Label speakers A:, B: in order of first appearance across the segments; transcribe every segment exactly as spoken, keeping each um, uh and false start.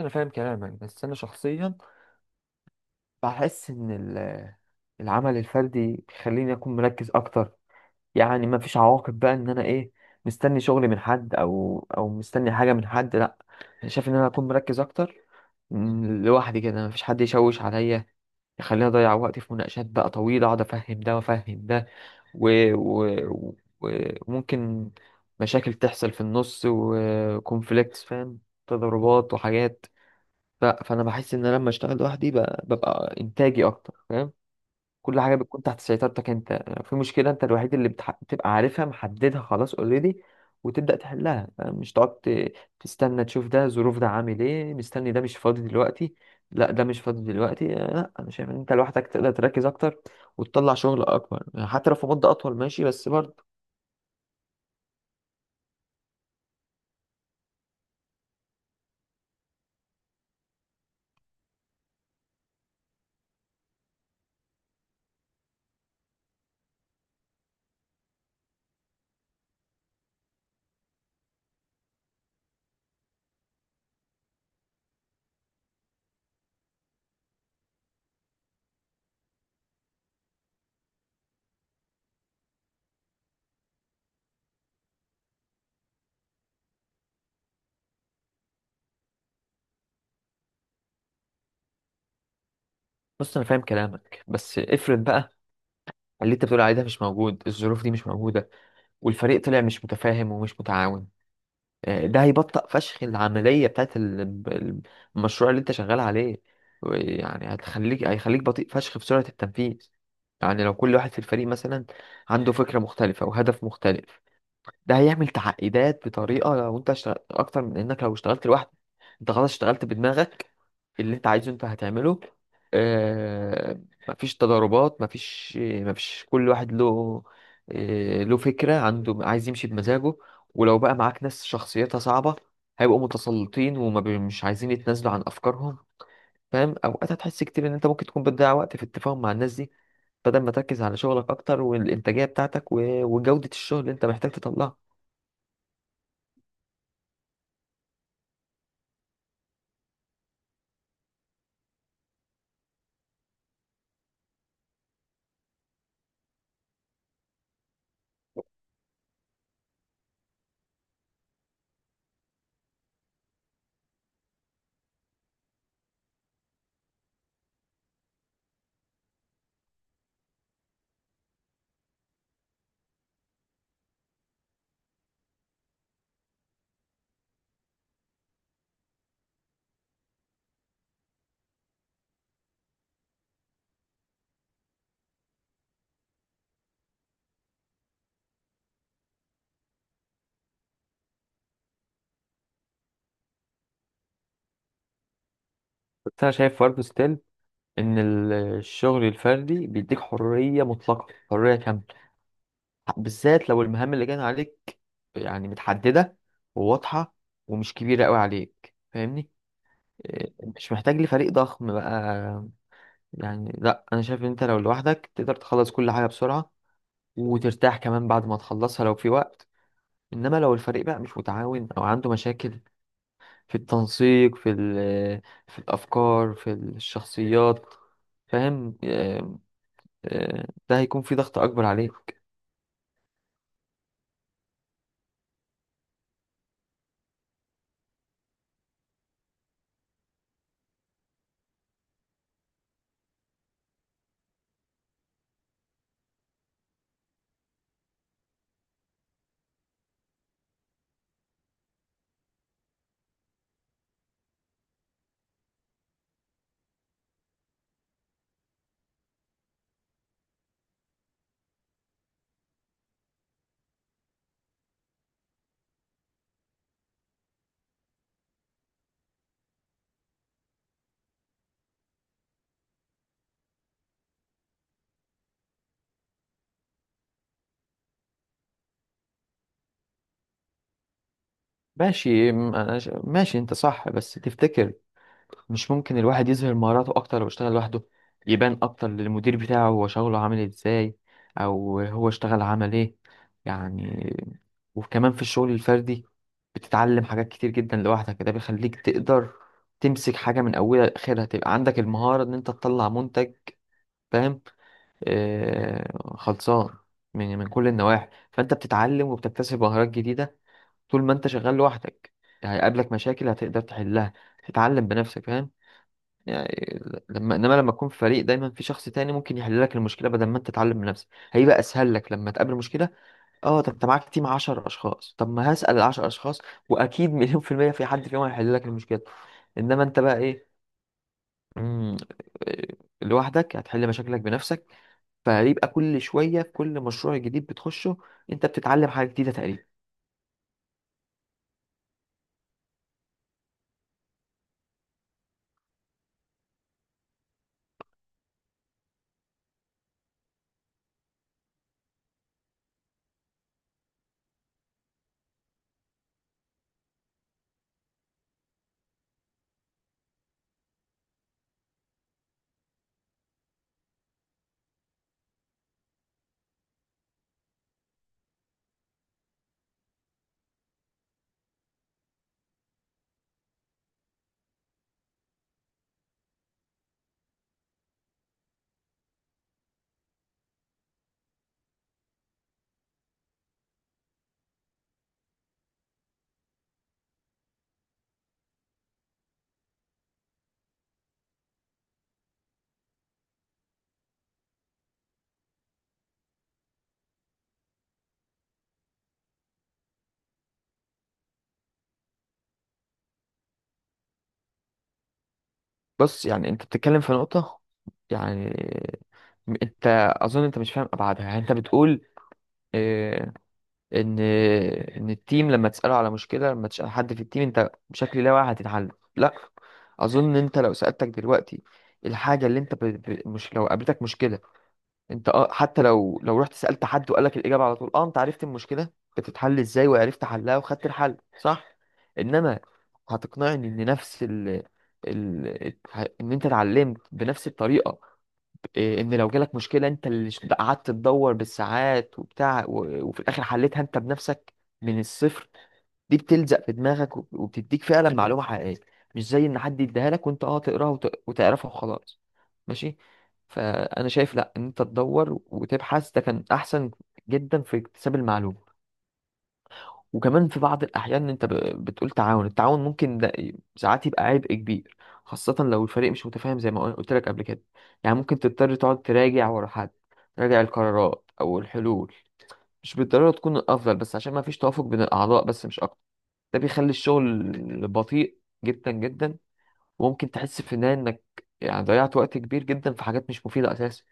A: انا فاهم كلامك بس انا شخصيا بحس ان ال- العمل الفردي بيخليني اكون مركز اكتر. يعني ما فيش عواقب بقى ان انا ايه، مستني شغل من حد او او مستني حاجه من حد. لا، أنا شايف ان انا اكون مركز اكتر م- لوحدي كده، ما فيش حد يشوش عليا يخليني اضيع وقتي في مناقشات بقى طويله، اقعد افهم ده وافهم ده و... و... و- وممكن مشاكل تحصل في النص وكونفليكتس، فاهم، تضاربات وحاجات. ف- فانا بحس ان انا لما اشتغل لوحدي ب- ببقى انتاجي اكتر، فاهم. كل حاجه بتكون تحت سيطرتك انت، لو في مشكله انت الوحيد اللي بتح... بتبقى عارفها محددها خلاص اوريدي، وتبدا تحلها، فاهم؟ مش تقعد ت- تستنى تشوف ده ظروف، ده عامل ايه، مستني، ده مش فاضي دلوقتي، لا ده مش فاضي دلوقتي. آه، لا انا شايف ان انت لوحدك تقدر تركز اكتر وتطلع شغل اكبر، يعني حتى لو في مده اطول ماشي بس برضه. بص، انا فاهم كلامك بس افرض بقى اللي انت بتقول عليه ده مش موجود، الظروف دي مش موجوده والفريق طلع مش متفاهم ومش متعاون. آه، ده هيبطئ فشخ العملية بتاعت ال- ال- المشروع اللي انت شغال عليه. يعني هتخليك، هيخليك بطيء فشخ في سرعة التنفيذ. يعني لو كل واحد في الفريق مثلا عنده فكرة مختلفة وهدف مختلف، ده هيعمل تعقيدات بطريقه لو انت اشتغلت اكتر من انك لو اشتغلت لوحدك. انت خلاص اشتغلت بدماغك، اللي انت عايزه انت هتعمله. آه، مفيش تضاربات، مفيش مفيش كل واحد له، آه له فكرة عنده عايز يمشي بمزاجه. ولو بقى معاك ناس شخصيتها صعبة، هيبقوا متسلطين وما بي- مش عايزين يتنازلوا عن أفكارهم، فاهم. أوقات هتحس كتير إن أنت ممكن تكون بتضيع وقت في التفاهم مع الناس دي، بدل ما تركز على شغلك أكتر والإنتاجية بتاعتك و- وجودة الشغل اللي أنت محتاج تطلعها. بس انا شايف برضه ستيل ان ال- الشغل الفردي بيديك حريه مطلقه، حريه كامله، بالذات لو المهام اللي جايه عليك، يعني متحدده وواضحه ومش كبيره قوي عليك، فاهمني؟ إيه، مش محتاج لفريق ضخم بقى، يعني لا، انا شايف ان انت لو لوحدك تقدر تخلص كل حاجه بسرعه، وترتاح كمان بعد ما تخلصها لو في وقت. انما لو الفريق بقى مش متعاون او عنده مشاكل في التنسيق، في ال- في الافكار، في الشخصيات، فاهم، آه. آه، ده هيكون في ضغط اكبر عليك. ماشي، م- أنا ش- ماشي انت صح بس تفتكر مش ممكن الواحد يظهر مهاراته اكتر لو اشتغل لوحده؟ يبان اكتر للمدير بتاعه هو شغله عامل ازاي او هو اشتغل عمل ايه، يعني. وكمان في الشغل الفردي بتتعلم حاجات كتير جدا لوحدك، ده بيخليك تقدر تمسك حاجة من اولها لاخرها، تبقى عندك المهارة ان انت تطلع منتج، فاهم، آه، خلصان من من كل النواحي. فانت بتتعلم وبتكتسب مهارات جديدة طول ما انت شغال لوحدك، هيقابلك مشاكل هتقدر تحلها، تتعلم بنفسك، فاهم، يعني. لما، انما لما تكون في فريق دايما في شخص تاني ممكن يحل لك المشكله بدل ما انت تتعلم بنفسك، هيبقى اسهل لك لما تقابل مشكله. اه، طب انت معاك تيم عشر أشخاص اشخاص، طب ما هسال ال عشرة اشخاص، واكيد مليون في الميه في حد فيهم هيحل لك المشكله. انما انت بقى ايه؟ مم، آه، لوحدك هتحل مشاكلك بنفسك. فهيبقى كل شويه في كل مشروع جديد بتخشه انت بتتعلم حاجه جديده تقريبا. بص، يعني انت بتتكلم في نقطة، يعني م- انت اظن انت مش فاهم ابعادها، يعني انت بتقول اه، ان ان التيم لما تسأله على مشكلة، لما تسأل حد في التيم انت بشكل لا واعي هتتحل، لا. اظن انت لو سألتك دلوقتي الحاجة اللي انت ب... ب... مش لو قابلتك مشكلة انت اه، حتى لو لو رحت سألت حد وقال لك الإجابة على طول، اه انت عرفت المشكلة بتتحل ازاي وعرفت حلها وخدت الحل، صح. انما هتقنعني ان نفس ال ال ه- ان انت اتعلمت بنفس الطريقة، إيه، ان لو جالك مشكلة انت اللي ش- قعدت تدور بالساعات وبتاع و- وفي الاخر حلتها انت بنفسك من الصفر، دي بتلزق في دماغك وب- وبتديك فعلا، أيوة، معلومة حقيقية. مش زي ان حد يديها لك وانت اه تقراها وت- وتعرفها وخلاص، ماشي. فانا شايف لا، ان انت تدور وتبحث ده كان احسن جدا في اكتساب المعلومة. وكمان في بعض الاحيان انت ب- بتقول تعاون، التعاون ممكن ده ي- ساعات يبقى عبء كبير، خاصة لو الفريق مش متفاهم زي ما قلت لك قبل كده. يعني ممكن تضطر تقعد تراجع ورا حد، تراجع القرارات او الحلول مش بالضرورة تكون الافضل بس عشان ما فيش توافق بين الاعضاء، بس مش اكتر. ده بيخلي الشغل بطيء جدا جدا. وممكن تحس في النهاية انك يعني ضيعت وقت كبير جدا في حاجات مش مفيدة اساسا.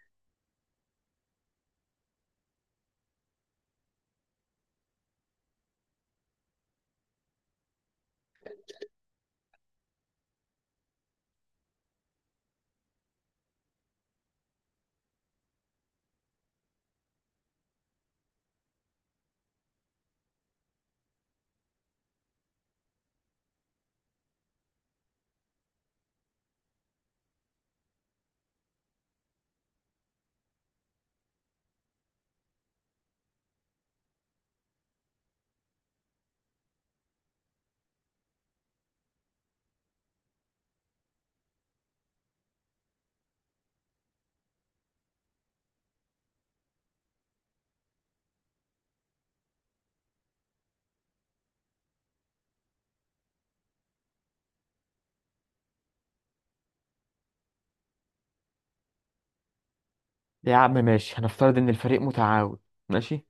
A: يا عم ماشي، هنفترض ان الفريق متعاون، ماشي.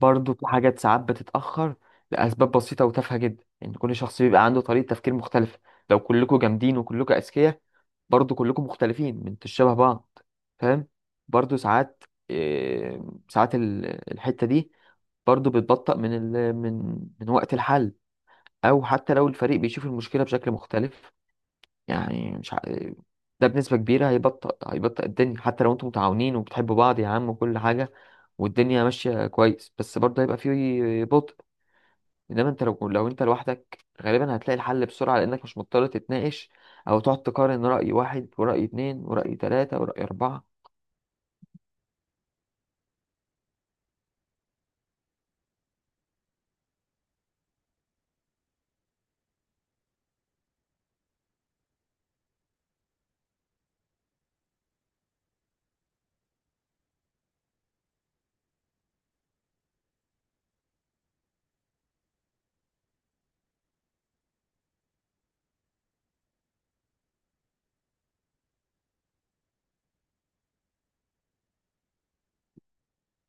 A: برضه في حاجات ساعات بتتأخر لأسباب بسيطة وتافهة جدا. يعني كل شخص بيبقى عنده طريقة تفكير مختلفة، لو كلكم جامدين وكلكم أذكياء برضه كلكم مختلفين من شبه بعض، فاهم. برضه ساعات، إيه، ساعات ال- الحتة دي برضه بتبطأ من ال... من من وقت الحل، او حتى لو الفريق بيشوف المشكله بشكل مختلف، يعني. مش ع... ده بنسبه كبيره هيبطئ هيبطئ الدنيا حتى لو انتم متعاونين وبتحبوا بعض يا عم وكل حاجه، والدنيا ماشيه كويس، بس برضه هيبقى فيه بطء. انما انت لو لو انت لوحدك غالبا هتلاقي الحل بسرعه لانك مش مضطر تتناقش، او تقعد تقارن راي واحد وراي اتنين وراي تلاته وراي اربعه.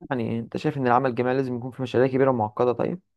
A: يعني انت شايف ان العمل الجماعي لازم يكون في مشاريع كبيره ومعقده؟ طيب.